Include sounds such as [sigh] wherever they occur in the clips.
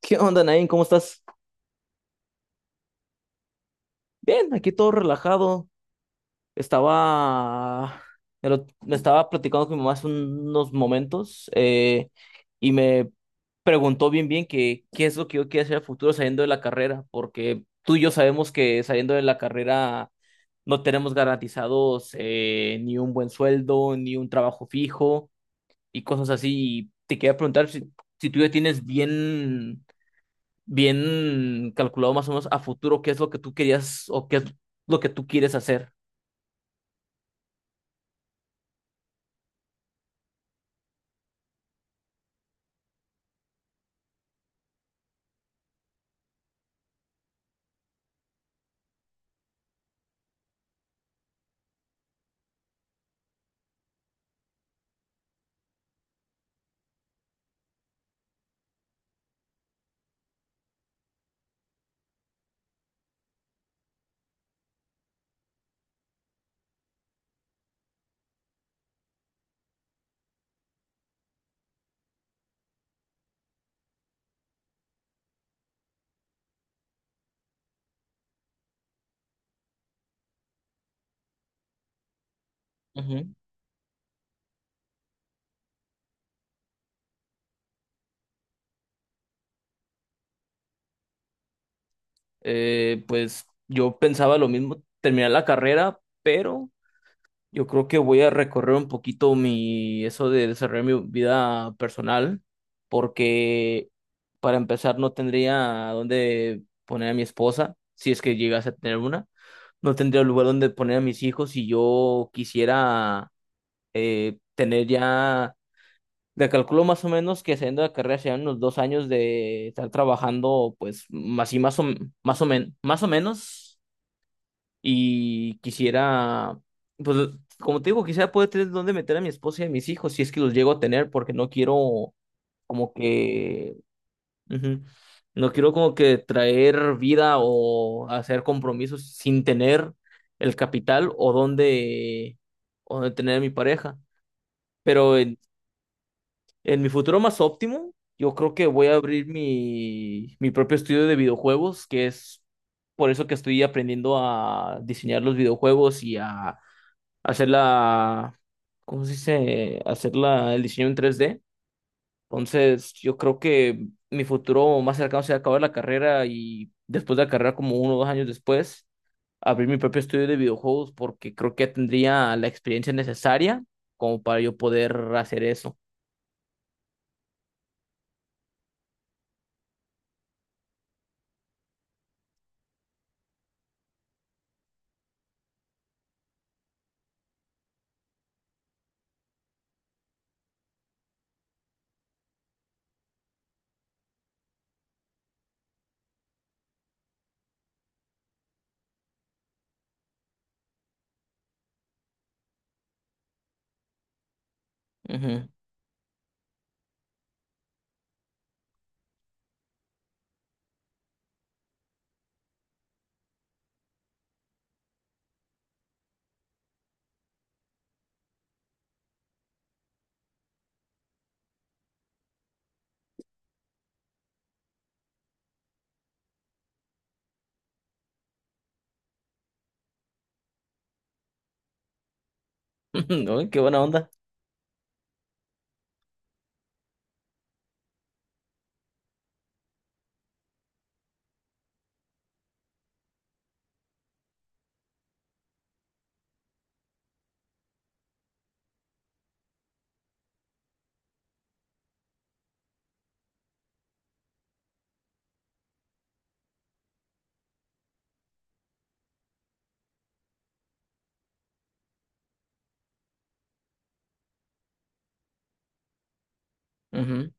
¿Qué onda, Nain? ¿Cómo estás? Bien, aquí todo relajado. Estaba, me estaba platicando con mi mamá hace unos momentos, y me preguntó bien bien que qué es lo que yo quiero hacer a futuro saliendo de la carrera, porque tú y yo sabemos que saliendo de la carrera no tenemos garantizados, ni un buen sueldo, ni un trabajo fijo y cosas así. Y te quería preguntar si, si tú ya tienes bien bien calculado más o menos a futuro qué es lo que tú querías o qué es lo que tú quieres hacer. Ujú. Pues yo pensaba lo mismo, terminar la carrera, pero yo creo que voy a recorrer un poquito mi, eso de desarrollar mi vida personal, porque para empezar no tendría dónde poner a mi esposa, si es que llegase a tener una, no tendría lugar donde poner a mis hijos si yo quisiera, tener ya. Le calculo más o menos que saliendo de la carrera serían unos 2 años de estar trabajando, pues, así más o menos. Y quisiera, pues, como te digo, quisiera poder tener dónde meter a mi esposa y a mis hijos, si es que los llego a tener, porque no quiero como que, ujú, no quiero como que traer vida o hacer compromisos sin tener el capital o dónde tener a mi pareja. Pero. En mi futuro más óptimo, yo creo que voy a abrir mi propio estudio de videojuegos, que es por eso que estoy aprendiendo a diseñar los videojuegos y a hacer la, ¿cómo se dice? Hacer la, el diseño en 3D. Entonces, yo creo que mi futuro más cercano será acabar la carrera y después de la carrera, como 1 o 2 años después, abrir mi propio estudio de videojuegos porque creo que tendría la experiencia necesaria como para yo poder hacer eso. Ujú. [laughs] Uy, qué buena onda. Ujú.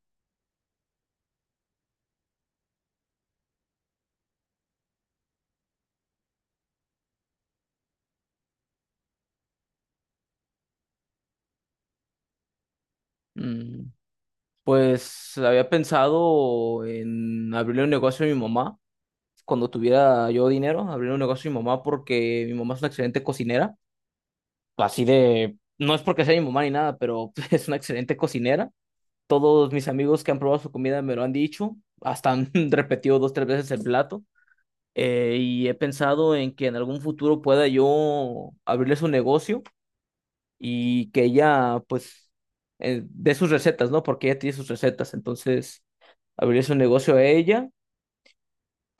Mm, Pues había pensado en abrirle un negocio a mi mamá. Cuando tuviera yo dinero, abrirle un negocio a mi mamá porque mi mamá es una excelente cocinera. Así de, no es porque sea mi mamá ni nada, pero [laughs] es una excelente cocinera. Todos mis amigos que han probado su comida me lo han dicho. Hasta han [laughs] repetido 2, 3 veces el plato. Y he pensado en que en algún futuro pueda yo abrirle su negocio y que ella, pues, dé sus recetas, ¿no? Porque ella tiene sus recetas, entonces abrir su negocio a ella.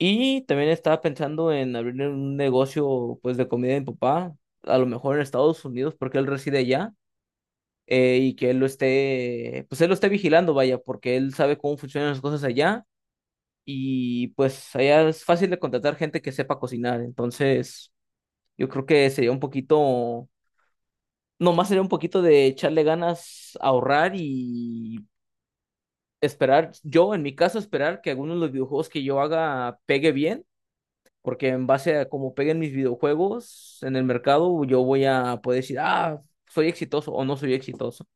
Y también estaba pensando en abrir un negocio, pues, de comida de mi papá, a lo mejor en Estados Unidos, porque él reside allá, y que él lo esté, pues, él lo esté vigilando, vaya, porque él sabe cómo funcionan las cosas allá, y pues allá es fácil de contratar gente que sepa cocinar, entonces yo creo que sería un poquito. Nomás sería un poquito de echarle ganas, ahorrar y esperar, yo en mi caso, esperar que algunos de los videojuegos que yo haga pegue bien, porque en base a cómo peguen mis videojuegos en el mercado, yo voy a poder decir, ah, soy exitoso o no soy exitoso.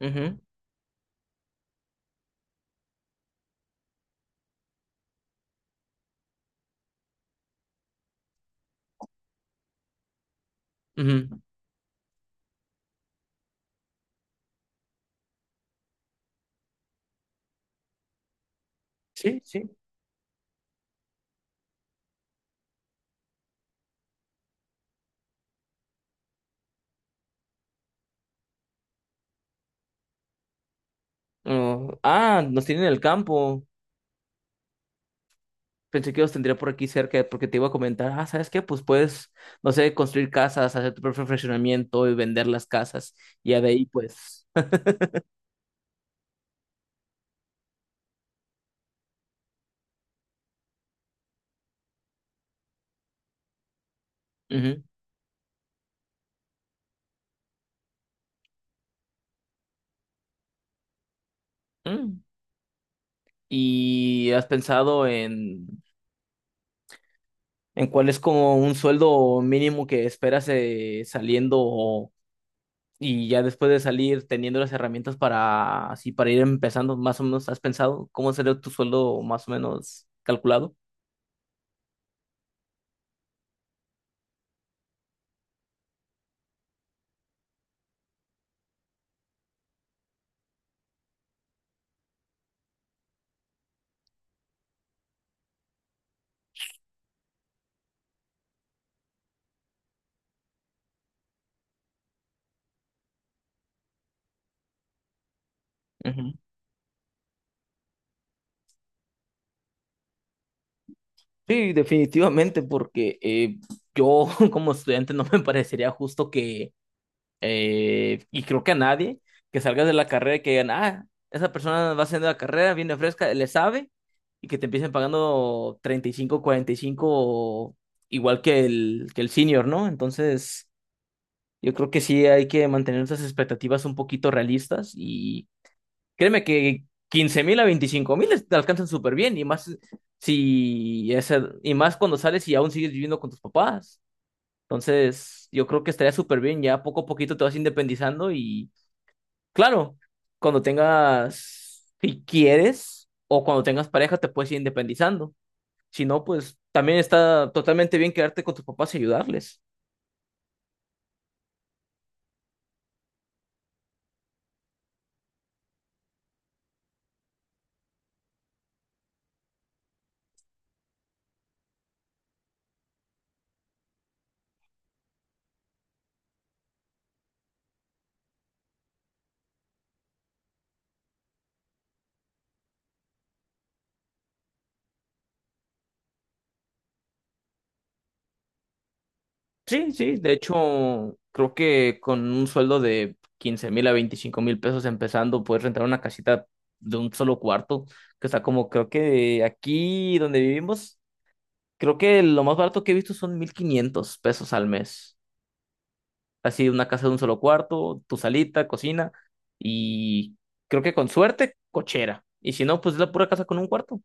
Ujú, ujú. Sí, sí. Oh, ah, nos tienen en el campo. Pensé que los tendría por aquí cerca porque te iba a comentar, ah, ¿sabes qué? Pues puedes, no sé, construir casas, hacer tu propio fraccionamiento y vender las casas. Y ya de ahí, pues. Ujú. Mm. ¿Y has pensado en, cuál es como un sueldo mínimo que esperas, saliendo y ya después de salir teniendo las herramientas para así para ir empezando más o menos? ¿Has pensado cómo sería tu sueldo más o menos calculado? Ujú. Sí, definitivamente, porque yo [laughs] como estudiante no me parecería justo que. Y creo que a nadie que salgas de la carrera y que digan, ah, esa persona va haciendo la carrera, viene fresca, le sabe, y que te empiecen pagando 35 45 igual que el senior, ¿no? Entonces, yo creo que sí hay que mantener esas expectativas un poquito realistas y créeme que 15,000 a 25,000 te alcanzan súper bien y más si ese, y más cuando sales y aún sigues viviendo con tus papás. Entonces, yo creo que estaría súper bien, ya poco a poquito te vas independizando y claro, cuando tengas, si quieres, o cuando tengas pareja, te puedes ir independizando. Si no, pues también está totalmente bien quedarte con tus papás y ayudarles. Sí, sí, de hecho, creo que con un sueldo de 15,000 a 25,000 pesos empezando, puedes rentar una casita de un solo cuarto, que está como, creo que aquí donde vivimos, creo que lo más barato que he visto son 1,500 pesos al mes. Así una casa de un solo cuarto, tu salita, cocina y creo que con suerte, cochera. Y si no, pues es la pura casa con un cuarto.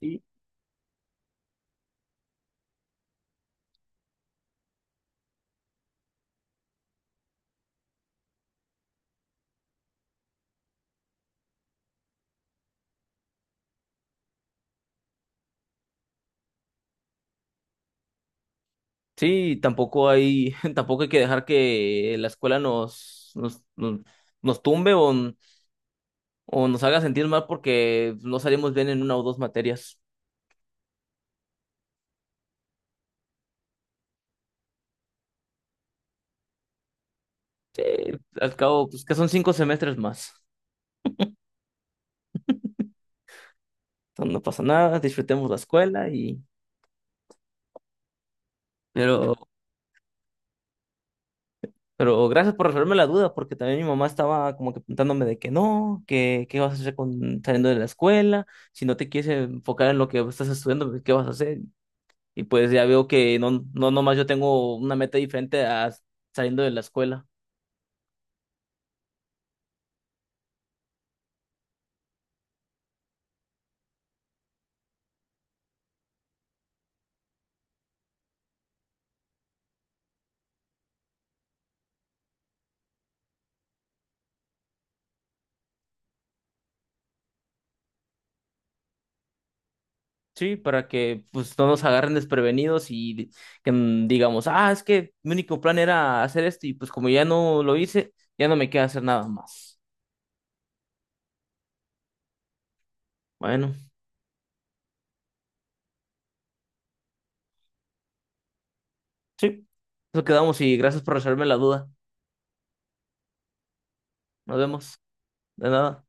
Sí. Sí, tampoco hay, [laughs] tampoco hay que dejar que la escuela nos tumbe o nos haga sentir mal porque no salimos bien en una o dos materias. Sí, al cabo, pues que son 5 semestres más. Entonces, no pasa nada, disfrutemos la escuela y. Pero Pero, gracias por resolverme la duda, porque también mi mamá estaba como que preguntándome de que no, que qué vas a hacer con, saliendo de la escuela, si no te quieres enfocar en lo que estás estudiando, pues, ¿qué vas a hacer? Y pues ya veo que no, no nomás yo tengo una meta diferente a saliendo de la escuela. Sí, para que pues no nos agarren desprevenidos y que digamos, ah, es que mi único plan era hacer esto y pues como ya no lo hice, ya no me queda hacer nada más. Bueno, sí, eso quedamos y gracias por resolverme la duda. Nos vemos. De nada.